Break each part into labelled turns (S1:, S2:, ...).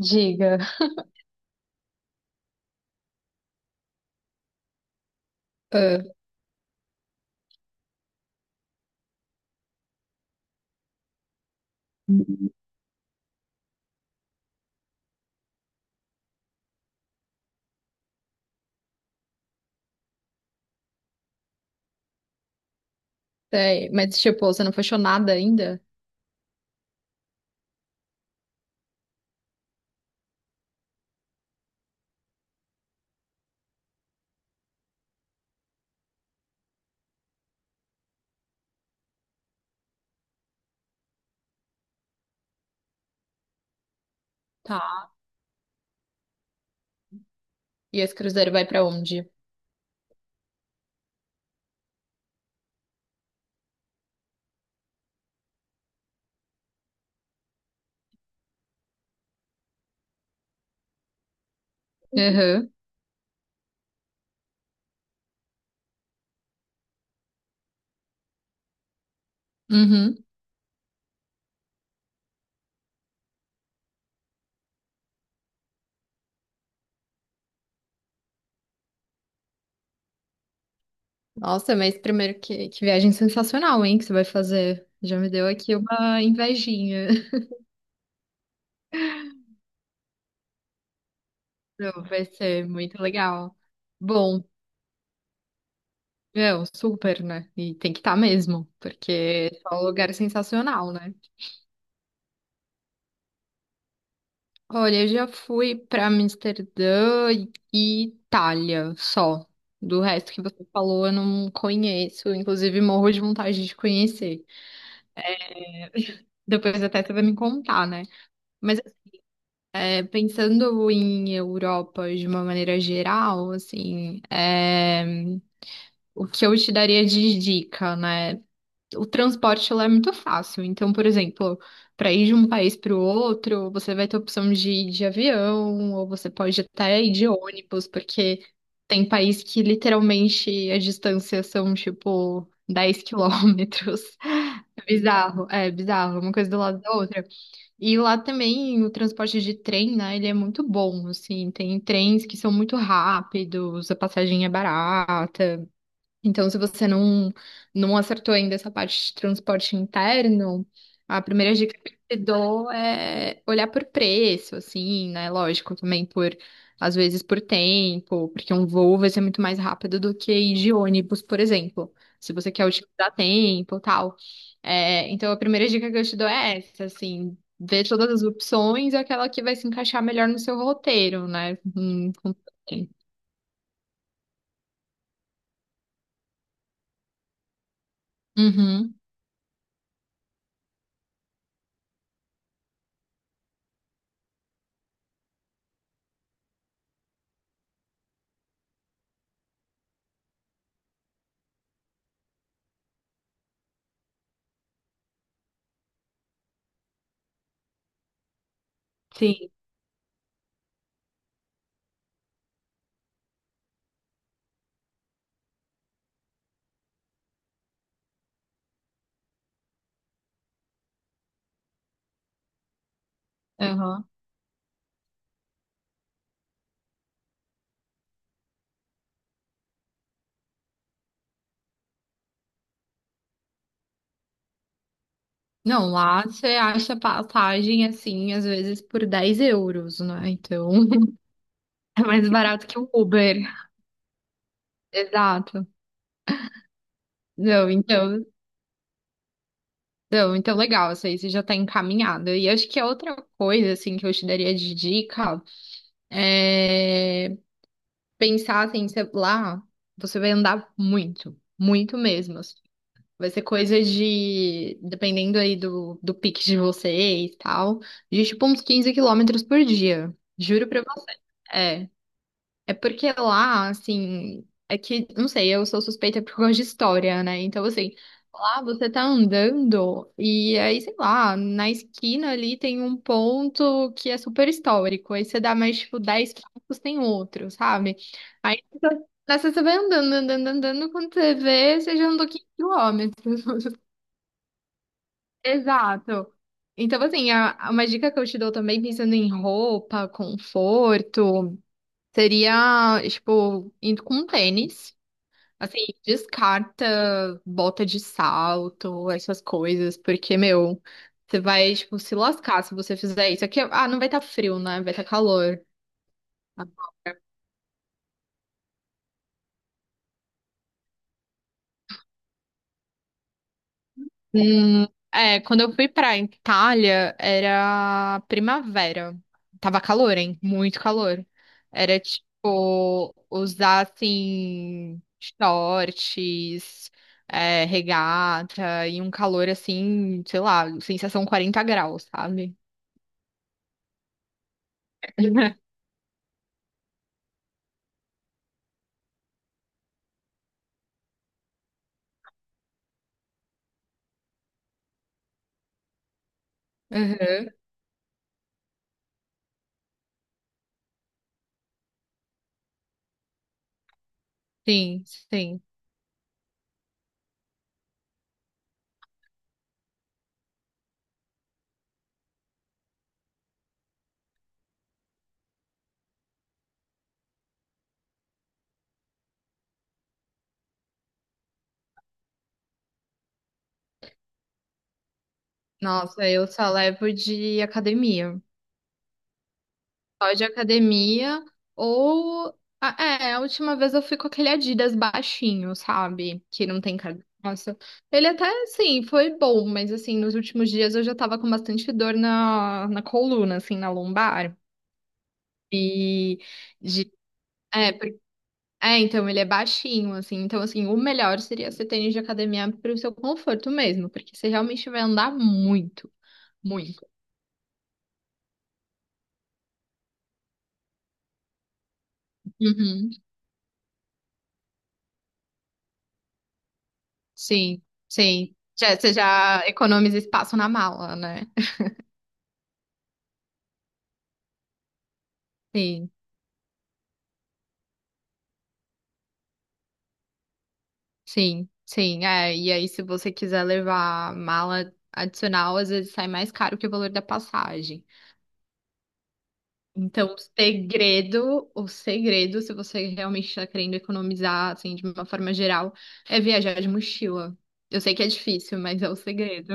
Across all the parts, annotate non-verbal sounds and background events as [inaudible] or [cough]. S1: Diga. Ah, sei. Mas, tipo, você não fechou nada ainda? Tá. E esse cruzeiro vai pra onde? Aham. Uhum. Nossa, mas primeiro que viagem sensacional, hein, que você vai fazer. Já me deu aqui uma invejinha. [laughs] Não, vai ser muito legal. Bom, meu, super, né? E tem que estar mesmo, porque é só um lugar sensacional, né? Olha, eu já fui para Amsterdã e Itália só. Do resto que você falou, eu não conheço. Inclusive, morro de vontade de conhecer. Depois até você vai me contar, né? Mas é, pensando em Europa de uma maneira geral, assim, é, o que eu te daria de dica, né? O transporte lá é muito fácil. Então, por exemplo, para ir de um país para o outro, você vai ter a opção de ir de avião, ou você pode até ir de ônibus, porque tem país que literalmente as distâncias são tipo 10 km. [laughs] É bizarro, é bizarro, uma coisa do lado da outra. E lá também o transporte de trem, né, ele é muito bom, assim, tem trens que são muito rápidos, a passagem é barata, então, se você não acertou ainda essa parte de transporte interno, a primeira dica que eu te dou é olhar por preço, assim, né? Lógico, também por, às vezes, por tempo, porque um voo vai ser muito mais rápido do que ir de ônibus, por exemplo, se você quer utilizar tempo e tal. É, então, a primeira dica que eu te dou é essa, assim, ver todas as opções e aquela que vai se encaixar melhor no seu roteiro, né? Uhum, sim, aham. Não, lá você acha passagem assim, às vezes por 10 euros, né? Então [laughs] é mais barato que o Uber. Exato. Não, então, não, então legal, isso aí você já tá encaminhado. E acho que a outra coisa, assim, que eu te daria de dica é pensar assim, você, lá você vai andar muito, muito mesmo. Assim. Vai ser coisa de, dependendo aí do pique de vocês e tal, de tipo uns 15 km por dia. Juro pra você. É, É porque lá, assim, é que, não sei, eu sou suspeita por causa de história, né? Então, assim, lá você tá andando e aí, sei lá, na esquina ali tem um ponto que é super histórico. Aí você dá mais, tipo, 10 passos, tem outro, sabe? Aí nessa você vai andando, andando, andando, quando você vê, você já andou 15 km. Exato. Então, assim, uma dica que eu te dou também, pensando em roupa, conforto, seria, tipo, indo com tênis. Assim, descarta bota de salto, essas coisas, porque, meu, você vai, tipo, se lascar se você fizer isso. Aqui, ah, não vai estar frio, né? Vai estar calor. Hum, é, quando eu fui pra Itália, era primavera. Tava calor, hein? Muito calor. Era, tipo, usar, assim, shorts, é, regata e um calor, assim, sei lá, sensação 40 graus, sabe? [laughs] Uhum. Sim, sim. Nossa, eu só levo de academia. Só de academia ou. Ah, é, a última vez eu fui com aquele Adidas baixinho, sabe? Que não tem carcaça. Ele até, sim, foi bom, mas assim, nos últimos dias eu já tava com bastante dor na coluna, assim, na lombar. E. De... É, por- é, então ele é baixinho, assim. Então, assim, o melhor seria você ter tênis de academia para o seu conforto mesmo, porque você realmente vai andar muito. Muito. Uhum. Sim, sim. Já, você já economiza espaço na mala, né? Sim, sim, sim. É, e aí, se você quiser levar mala adicional, às vezes sai mais caro que o valor da passagem. Então, o segredo, se você realmente está querendo economizar, assim, de uma forma geral, é viajar de mochila. Eu sei que é difícil, mas é o segredo.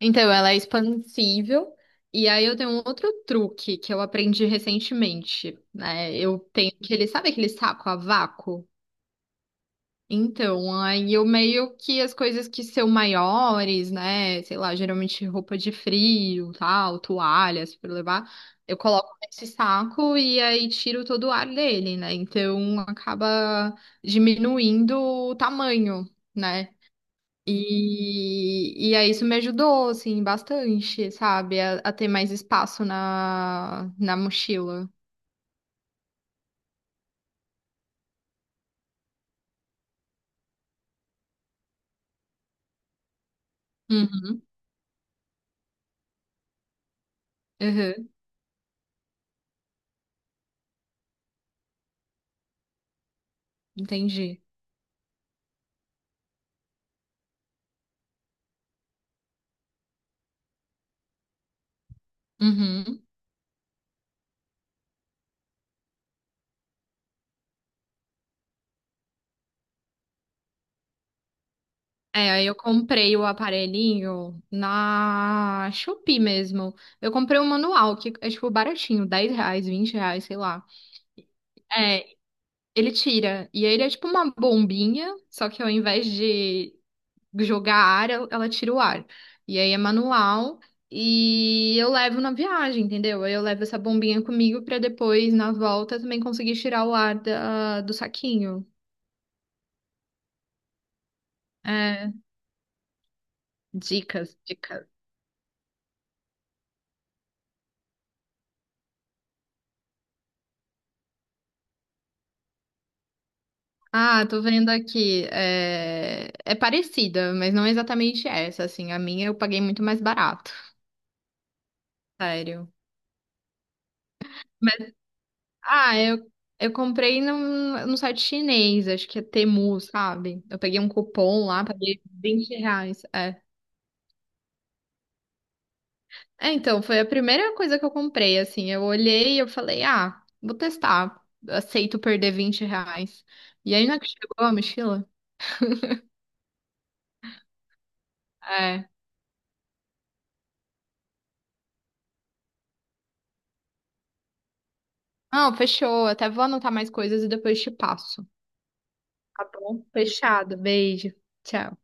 S1: Então, ela é expansível. E aí eu tenho um outro truque que eu aprendi recentemente, né? Eu tenho aquele, sabe aquele saco a vácuo? Então, aí eu meio que as coisas que são maiores, né? Sei lá, geralmente roupa de frio, tal, toalhas para levar, eu coloco nesse saco e aí tiro todo o ar dele, né? Então acaba diminuindo o tamanho, né? E aí isso me ajudou, assim, bastante, sabe? A ter mais espaço na mochila. Uhum, uhum, entendi. Uhum. É, aí eu comprei o aparelhinho na Shopee mesmo. Eu comprei um manual, que é tipo baratinho, R$ 10, R$ 20, sei lá. É, ele tira. E aí ele é tipo uma bombinha, só que ao invés de, jogar ar, ela tira o ar. E aí é manual e eu levo na viagem, entendeu? Aí eu levo essa bombinha comigo pra depois, na volta, também conseguir tirar o ar do saquinho. É, dicas, dicas. Ah, tô vendo aqui. É, é parecida, mas não é exatamente essa, assim. A minha eu paguei muito mais barato, sério. Mas, ah, eu, eu comprei num site chinês, acho que é Temu, sabe? Eu peguei um cupom lá, paguei R$ 20. É. É, então, foi a primeira coisa que eu comprei, assim. Eu olhei e eu falei, ah, vou testar. Aceito perder R$ 20. E aí, na que chegou a mochila? É. Não, fechou. Até vou anotar mais coisas e depois te passo. Tá bom? Fechado. Beijo. Tchau.